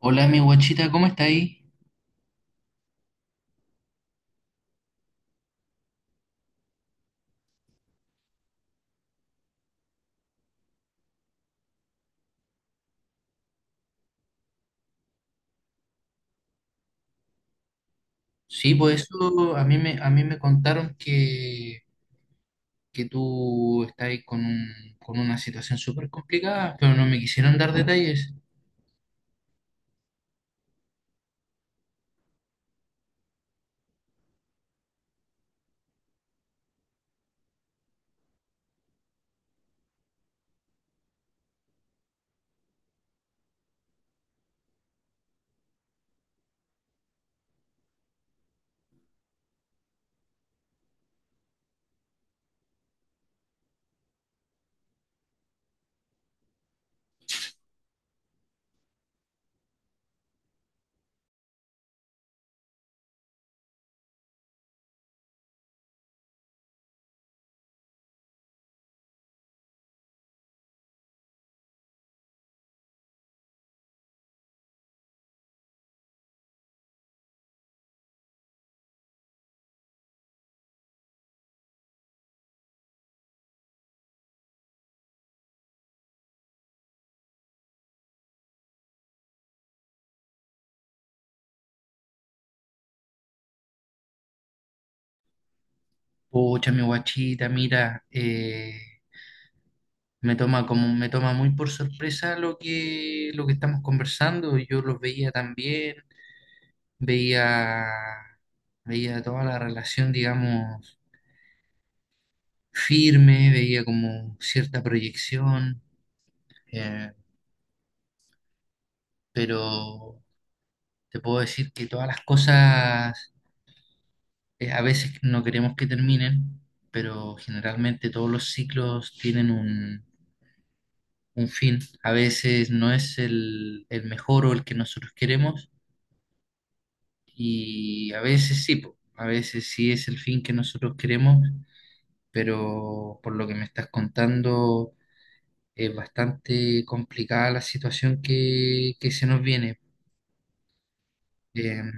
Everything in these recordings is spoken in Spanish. Hola, mi guachita, ¿cómo está ahí? Sí, por eso a mí me contaron que tú estás ahí con, con una situación súper complicada, pero no me quisieron dar detalles. Pucha, mi guachita, mira, me toma como, me toma muy por sorpresa lo que estamos conversando. Yo los veía también, veía, veía toda la relación, digamos, firme, veía como cierta proyección, eh, pero. Te puedo decir que todas las cosas a veces no queremos que terminen, pero generalmente todos los ciclos tienen un fin. A veces no es el mejor o el que nosotros queremos, y a veces sí, po, a veces sí es el fin que nosotros queremos, pero por lo que me estás contando es bastante complicada la situación que se nos viene. Em,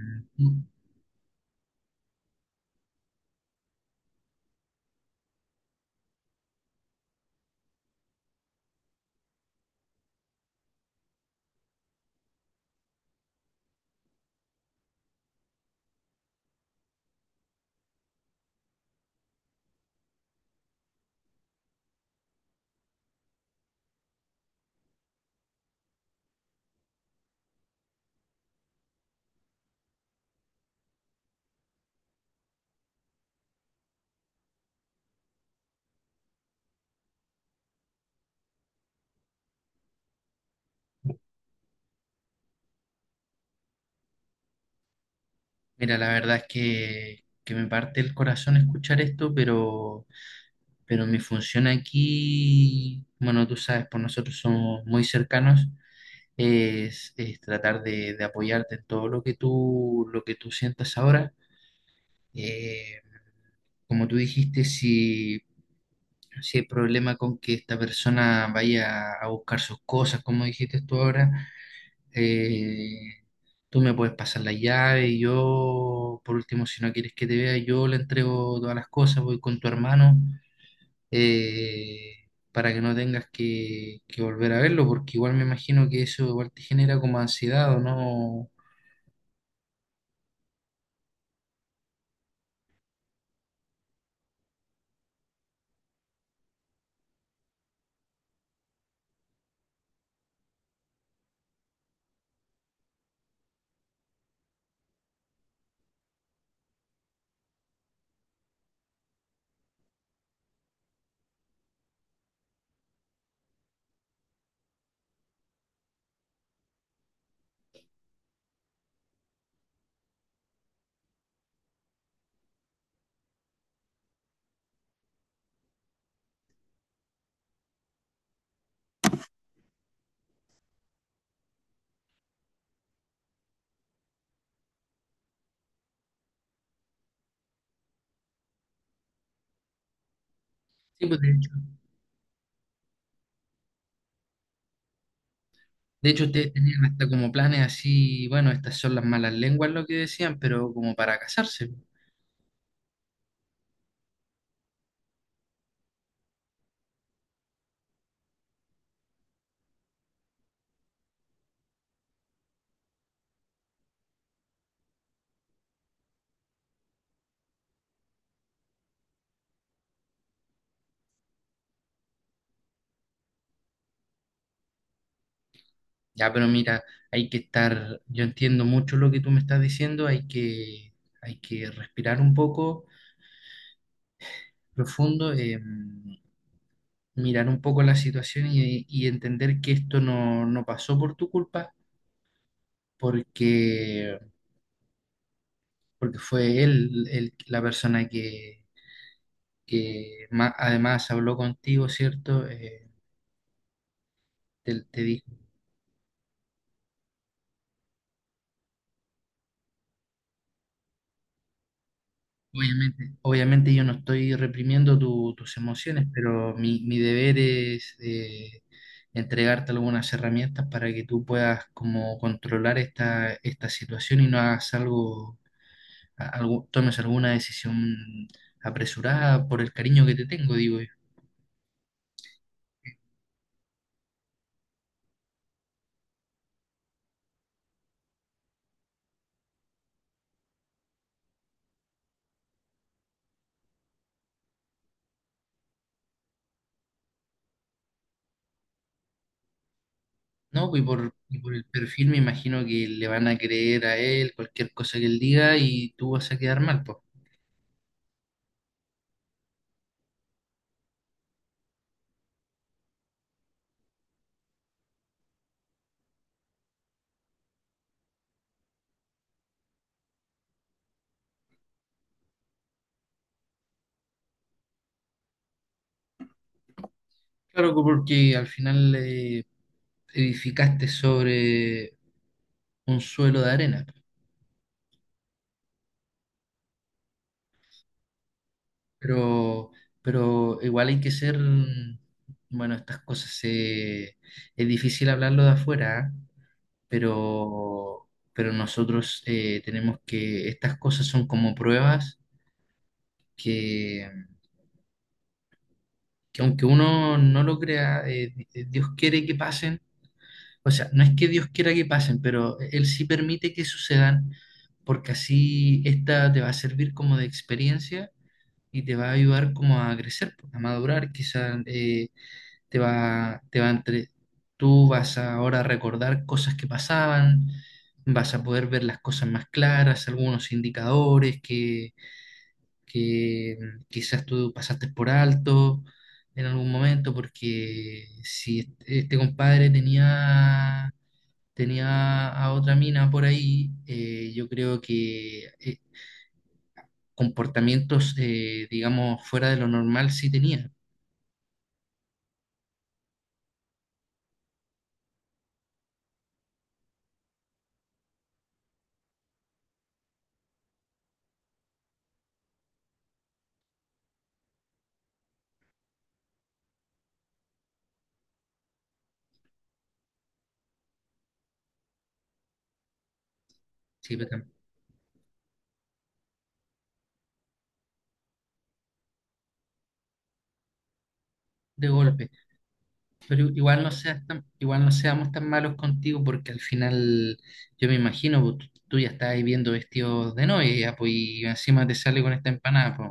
Mira, la verdad es que me parte el corazón escuchar esto, pero mi función aquí, bueno, tú sabes, pues nosotros somos muy cercanos, es tratar de apoyarte en todo lo que tú sientas ahora. Eh, Como tú dijiste, si, si hay problema con que esta persona vaya a buscar sus cosas, como dijiste tú ahora, eh, tú me puedes pasar la llave y yo, por último, si no quieres que te vea, yo le entrego todas las cosas, voy con tu hermano, eh, para que no tengas que volver a verlo, porque igual me imagino que eso igual te genera como ansiedad o no. Sí, pues de hecho ustedes tenían hasta como planes así, bueno, estas son las malas lenguas lo que decían, pero como para casarse. Ya, pero mira, hay que estar, yo entiendo mucho lo que tú me estás diciendo, hay que respirar un poco profundo, mirar un poco la situación y entender que esto no, no pasó por tu culpa, porque, porque fue él la persona que además habló contigo, ¿cierto? Te, te dijo, obviamente, obviamente yo no estoy reprimiendo tus emociones, pero mi deber es... entregarte algunas herramientas para que tú puedas como controlar esta, esta situación y no hagas algo tomes alguna decisión apresurada por el cariño que te tengo, digo yo. No, y por el perfil me imagino que le van a creer a él cualquier cosa que él diga y tú vas a quedar mal, pues. Claro, pues, porque al final edificaste sobre un suelo de arena, pero, pero igual hay que ser, bueno, es difícil hablarlo de afuera, ¿ah? pero, pero nosotros tenemos que, estas cosas son como pruebas que, que aunque uno no lo crea, Dios quiere que pasen, o sea, no es que Dios quiera que pasen, pero Él sí permite que sucedan, porque así esta te va a servir como de experiencia y te va a ayudar como a crecer, pues, a madurar, quizás te va, tú vas a ahora recordar cosas que pasaban, vas a poder ver las cosas más claras, algunos indicadores que quizás tú pasaste por alto en algún momento, porque si este compadre tenía, tenía a otra mina por ahí, yo creo que comportamientos, digamos, fuera de lo normal sí tenía, sí, de golpe. Pero igual igual no seamos tan malos contigo porque al final yo me imagino, pues, tú ya estás ahí viendo vestidos de novia ya, pues, y encima te sale con esta empanada, pues.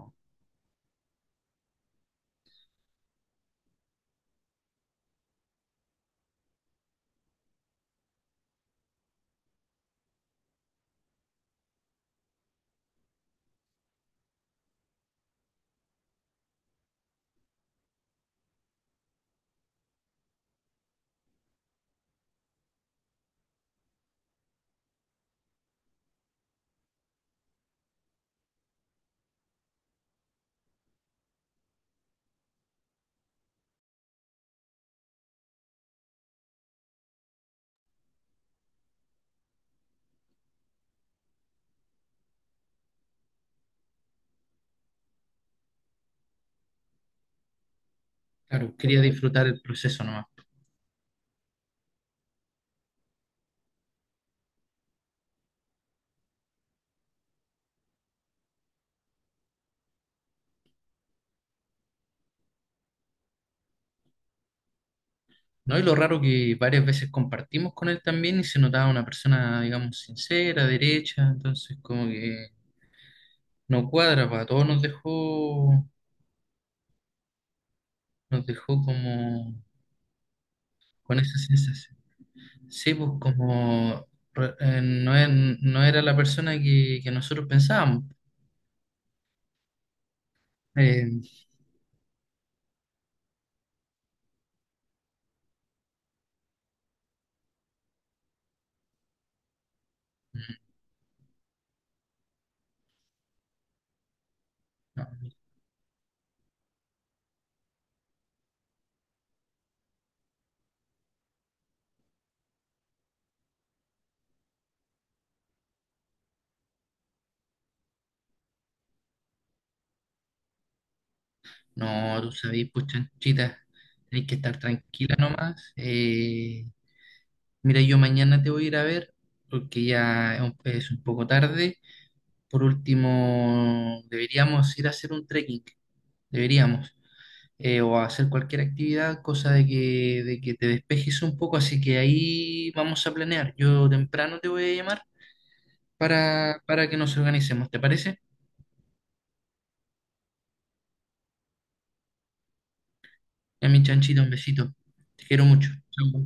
Claro, quería disfrutar el proceso nomás. No, y lo raro que varias veces compartimos con él también y se notaba una persona, digamos, sincera, derecha, entonces como que no cuadra, pues, a todos nos dejó como con esa sensación. Sí, pues como no, no era la persona que nosotros pensábamos. Eh, no, no, tú sabés, pues chanchita, tenés que estar tranquila nomás. Mira, yo mañana te voy a ir a ver porque ya es un poco tarde. Por último, deberíamos ir a hacer un trekking, deberíamos. O a hacer cualquier actividad, cosa de que te despejes un poco, así que ahí vamos a planear. Yo temprano te voy a llamar para que nos organicemos, ¿te parece? Ya mi chanchito, un besito. Te quiero mucho. Chao.